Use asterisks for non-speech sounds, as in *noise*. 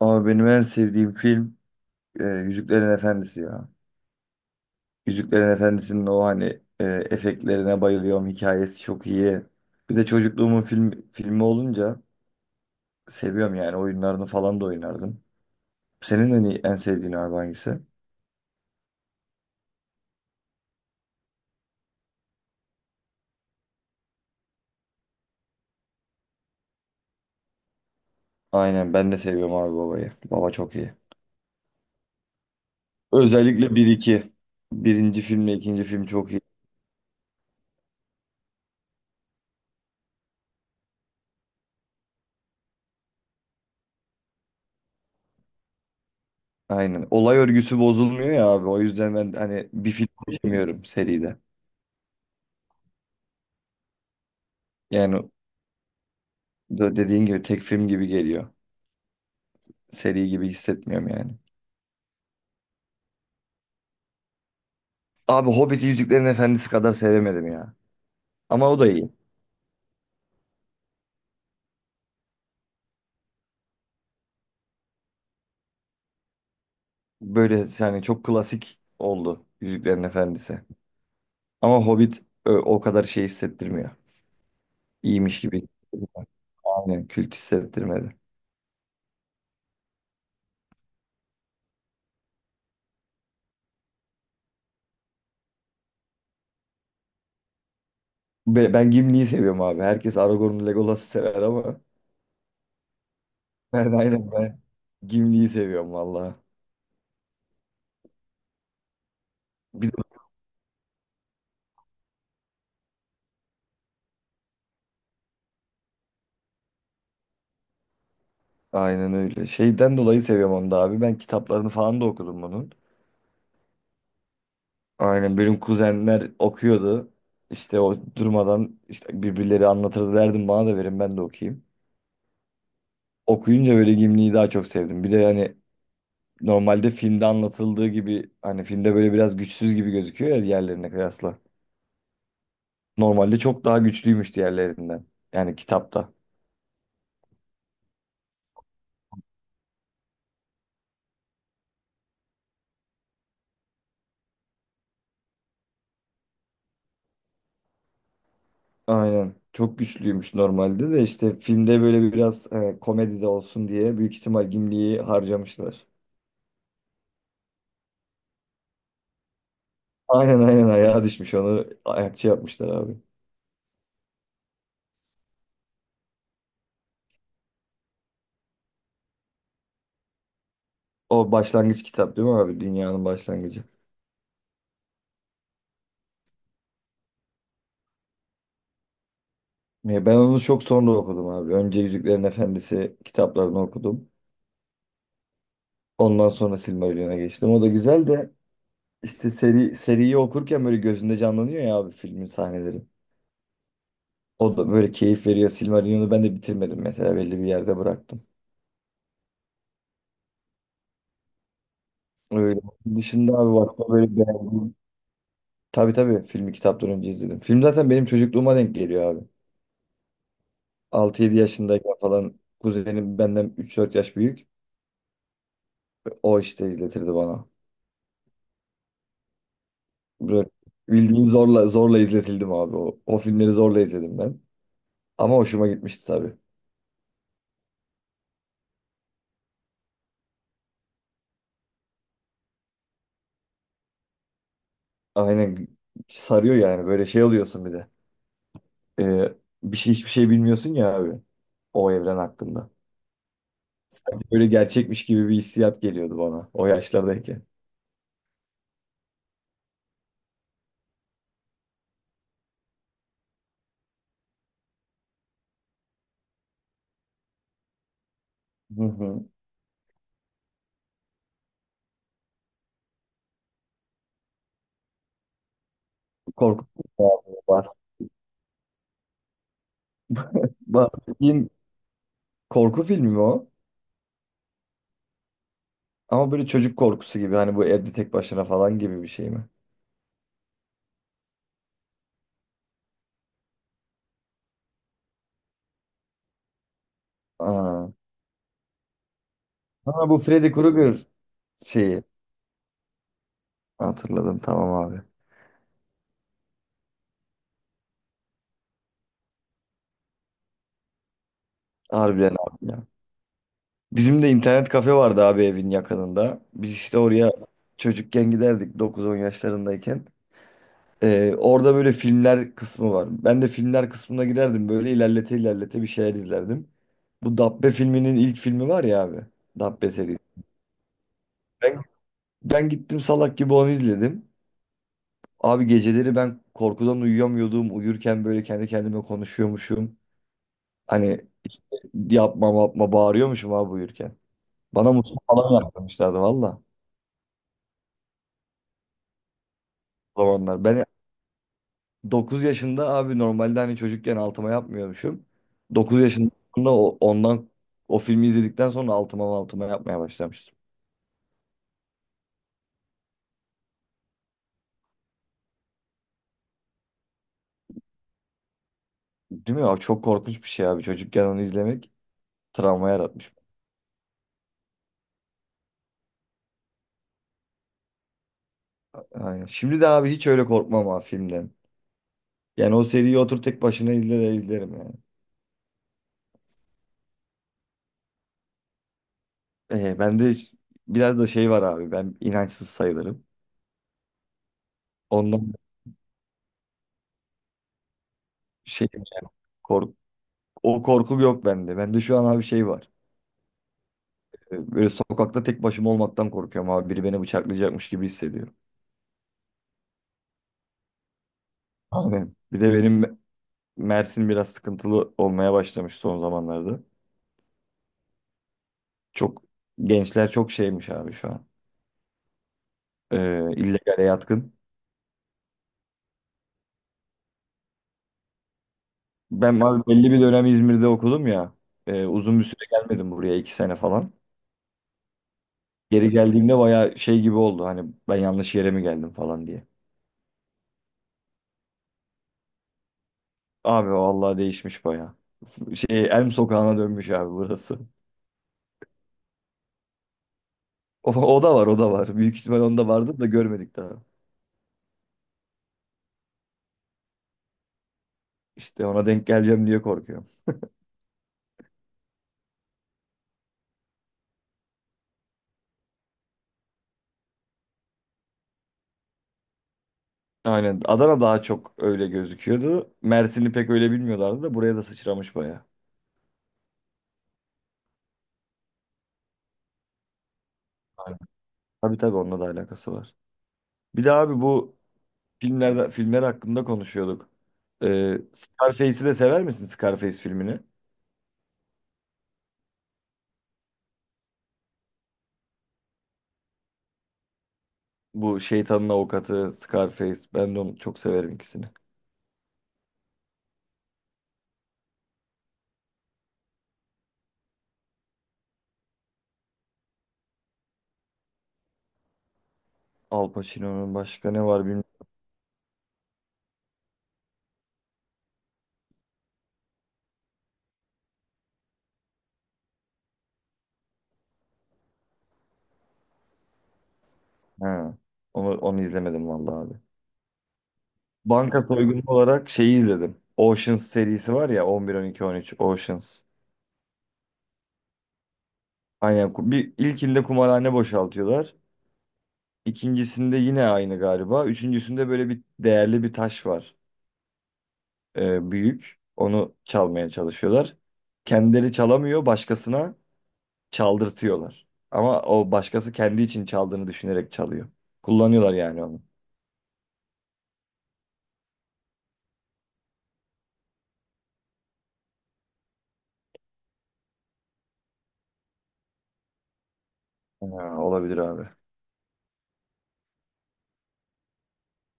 Ama benim en sevdiğim film Yüzüklerin Efendisi ya. Yüzüklerin Efendisi'nin o hani efektlerine bayılıyorum. Hikayesi çok iyi. Bir de çocukluğumun filmi olunca seviyorum yani. Oyunlarını falan da oynardım. Senin en sevdiğin abi hangisi? Aynen ben de seviyorum abi babayı. Baba çok iyi. Özellikle bir iki. Birinci filmle ikinci film çok iyi. Aynen. Olay örgüsü bozulmuyor ya abi. O yüzden ben hani bir film seçemiyorum seride. Yani dediğin gibi tek film gibi geliyor. Seri gibi hissetmiyorum yani. Abi Hobbit'i Yüzüklerin Efendisi kadar sevemedim ya. Ama o da iyi. Böyle yani çok klasik oldu Yüzüklerin Efendisi. Ama Hobbit o kadar şey hissettirmiyor. İyiymiş gibi. Aynen kült hissettirmedi. Ben Gimli'yi seviyorum abi. Herkes Aragorn'u Legolas'ı sever ama *laughs* ben Gimli'yi seviyorum valla. Bir de- aynen öyle. Şeyden dolayı seviyorum onu da abi. Ben kitaplarını falan da okudum bunun. Aynen benim kuzenler okuyordu. İşte o durmadan işte birbirleri anlatırdı derdim bana da verin ben de okuyayım. Okuyunca böyle Gimli'yi daha çok sevdim. Bir de hani normalde filmde anlatıldığı gibi hani filmde böyle biraz güçsüz gibi gözüküyor ya diğerlerine kıyasla. Normalde çok daha güçlüymüş diğerlerinden. Yani kitapta. Aynen. Çok güçlüymüş normalde de işte filmde böyle biraz komedi de olsun diye büyük ihtimal Gimli'yi harcamışlar. Aynen aynen ayağa düşmüş onu ayakçı yapmışlar abi. O başlangıç kitap değil mi abi? Dünyanın başlangıcı. Ya ben onu çok sonra okudum abi. Önce Yüzüklerin Efendisi kitaplarını okudum. Ondan sonra Silmarillion'a geçtim. O da güzel de işte seriyi okurken böyle gözünde canlanıyor ya abi filmin sahneleri. O da böyle keyif veriyor. Silmarillion'u ben de bitirmedim mesela belli bir yerde bıraktım. Öyle. Onun dışında abi bak böyle beğendim. Tabii tabii filmi kitaptan önce izledim. Film zaten benim çocukluğuma denk geliyor abi. Altı yedi yaşındayken falan kuzenim benden üç dört yaş büyük. O işte izletirdi bana. Böyle bildiğin zorla zorla izletildim abi. O filmleri zorla izledim ben. Ama hoşuma gitmişti tabii. Aynen sarıyor yani böyle şey oluyorsun bir de. Ee, Bir şey hiçbir şey bilmiyorsun ya abi o evren hakkında. Sanki böyle gerçekmiş gibi bir hissiyat geliyordu bana o yaşlardayken. Hı hı. Korku filmi abi. Bahsettiğin korku filmi mi o? Ama böyle çocuk korkusu gibi hani bu evde tek başına falan gibi bir şey mi? Aa. Ha bu Freddy Krueger şeyi hatırladım tamam abi. Harbiden abi ya. Bizim de internet kafe vardı abi evin yakınında. Biz işte oraya çocukken giderdik 9-10 yaşlarındayken. Orada böyle filmler kısmı var. Ben de filmler kısmına girerdim böyle ilerlete ilerlete bir şeyler izlerdim. Bu Dabbe filminin ilk filmi var ya abi. Dabbe serisi. Ben, Ben gittim salak gibi onu izledim. Abi geceleri ben korkudan uyuyamıyordum. Uyurken böyle kendi kendime konuşuyormuşum. Hani işte yapma yapma bağırıyormuşum abi uyurken. Bana musluk falan yaptırmışlardı valla o zamanlar. Ben 9 yaşında abi normalde hani çocukken altıma yapmıyormuşum. 9 yaşında sonra ondan o filmi izledikten sonra altıma altıma yapmaya başlamıştım. Değil mi abi? Çok korkunç bir şey abi. Çocukken onu izlemek travma yaratmış. Aynen. Şimdi de abi hiç öyle korkmam abi filmden. Yani o seriyi otur tek başına izle de izlerim yani. Ben de biraz da şey var abi. Ben inançsız sayılırım. Ondan şey kork o korku yok bende. Bende şu an abi şey var. Böyle sokakta tek başıma olmaktan korkuyorum abi. Biri beni bıçaklayacakmış gibi hissediyorum. Aynen. Bir de benim Mersin biraz sıkıntılı olmaya başlamış son zamanlarda. Çok gençler çok şeymiş abi şu an. İllegale yatkın. Ben abi belli bir dönem İzmir'de okudum ya. Uzun bir süre gelmedim buraya iki sene falan. Geri geldiğimde baya şey gibi oldu. Hani ben yanlış yere mi geldim falan diye. Abi vallahi değişmiş baya. Şey Elm Sokağı'na dönmüş abi burası. *laughs* O da var o da var. Büyük ihtimal onda vardır da görmedik daha. İşte ona denk geleceğim diye korkuyorum. Aynen Adana daha çok öyle gözüküyordu. Mersin'i pek öyle bilmiyorlardı da buraya da sıçramış baya. Aynen. Tabii tabii onunla da alakası var. Bir de abi bu filmler hakkında konuşuyorduk. Scarface'i de sever misin Scarface filmini? Bu şeytanın avukatı Scarface. Ben de onu çok severim ikisini. Al Pacino'nun başka ne var bilmiyorum. Ha. Onu izlemedim vallahi abi. Banka soygunu olarak şeyi izledim. Oceans serisi var ya 11, 12, 13 Oceans. Aynen. Bir, ilkinde kumarhane boşaltıyorlar. İkincisinde yine aynı galiba. Üçüncüsünde böyle bir değerli bir taş var. Büyük. Onu çalmaya çalışıyorlar. Kendileri çalamıyor başkasına. Çaldırtıyorlar. Ama o başkası kendi için çaldığını düşünerek çalıyor. Kullanıyorlar yani onu. Ha, olabilir abi.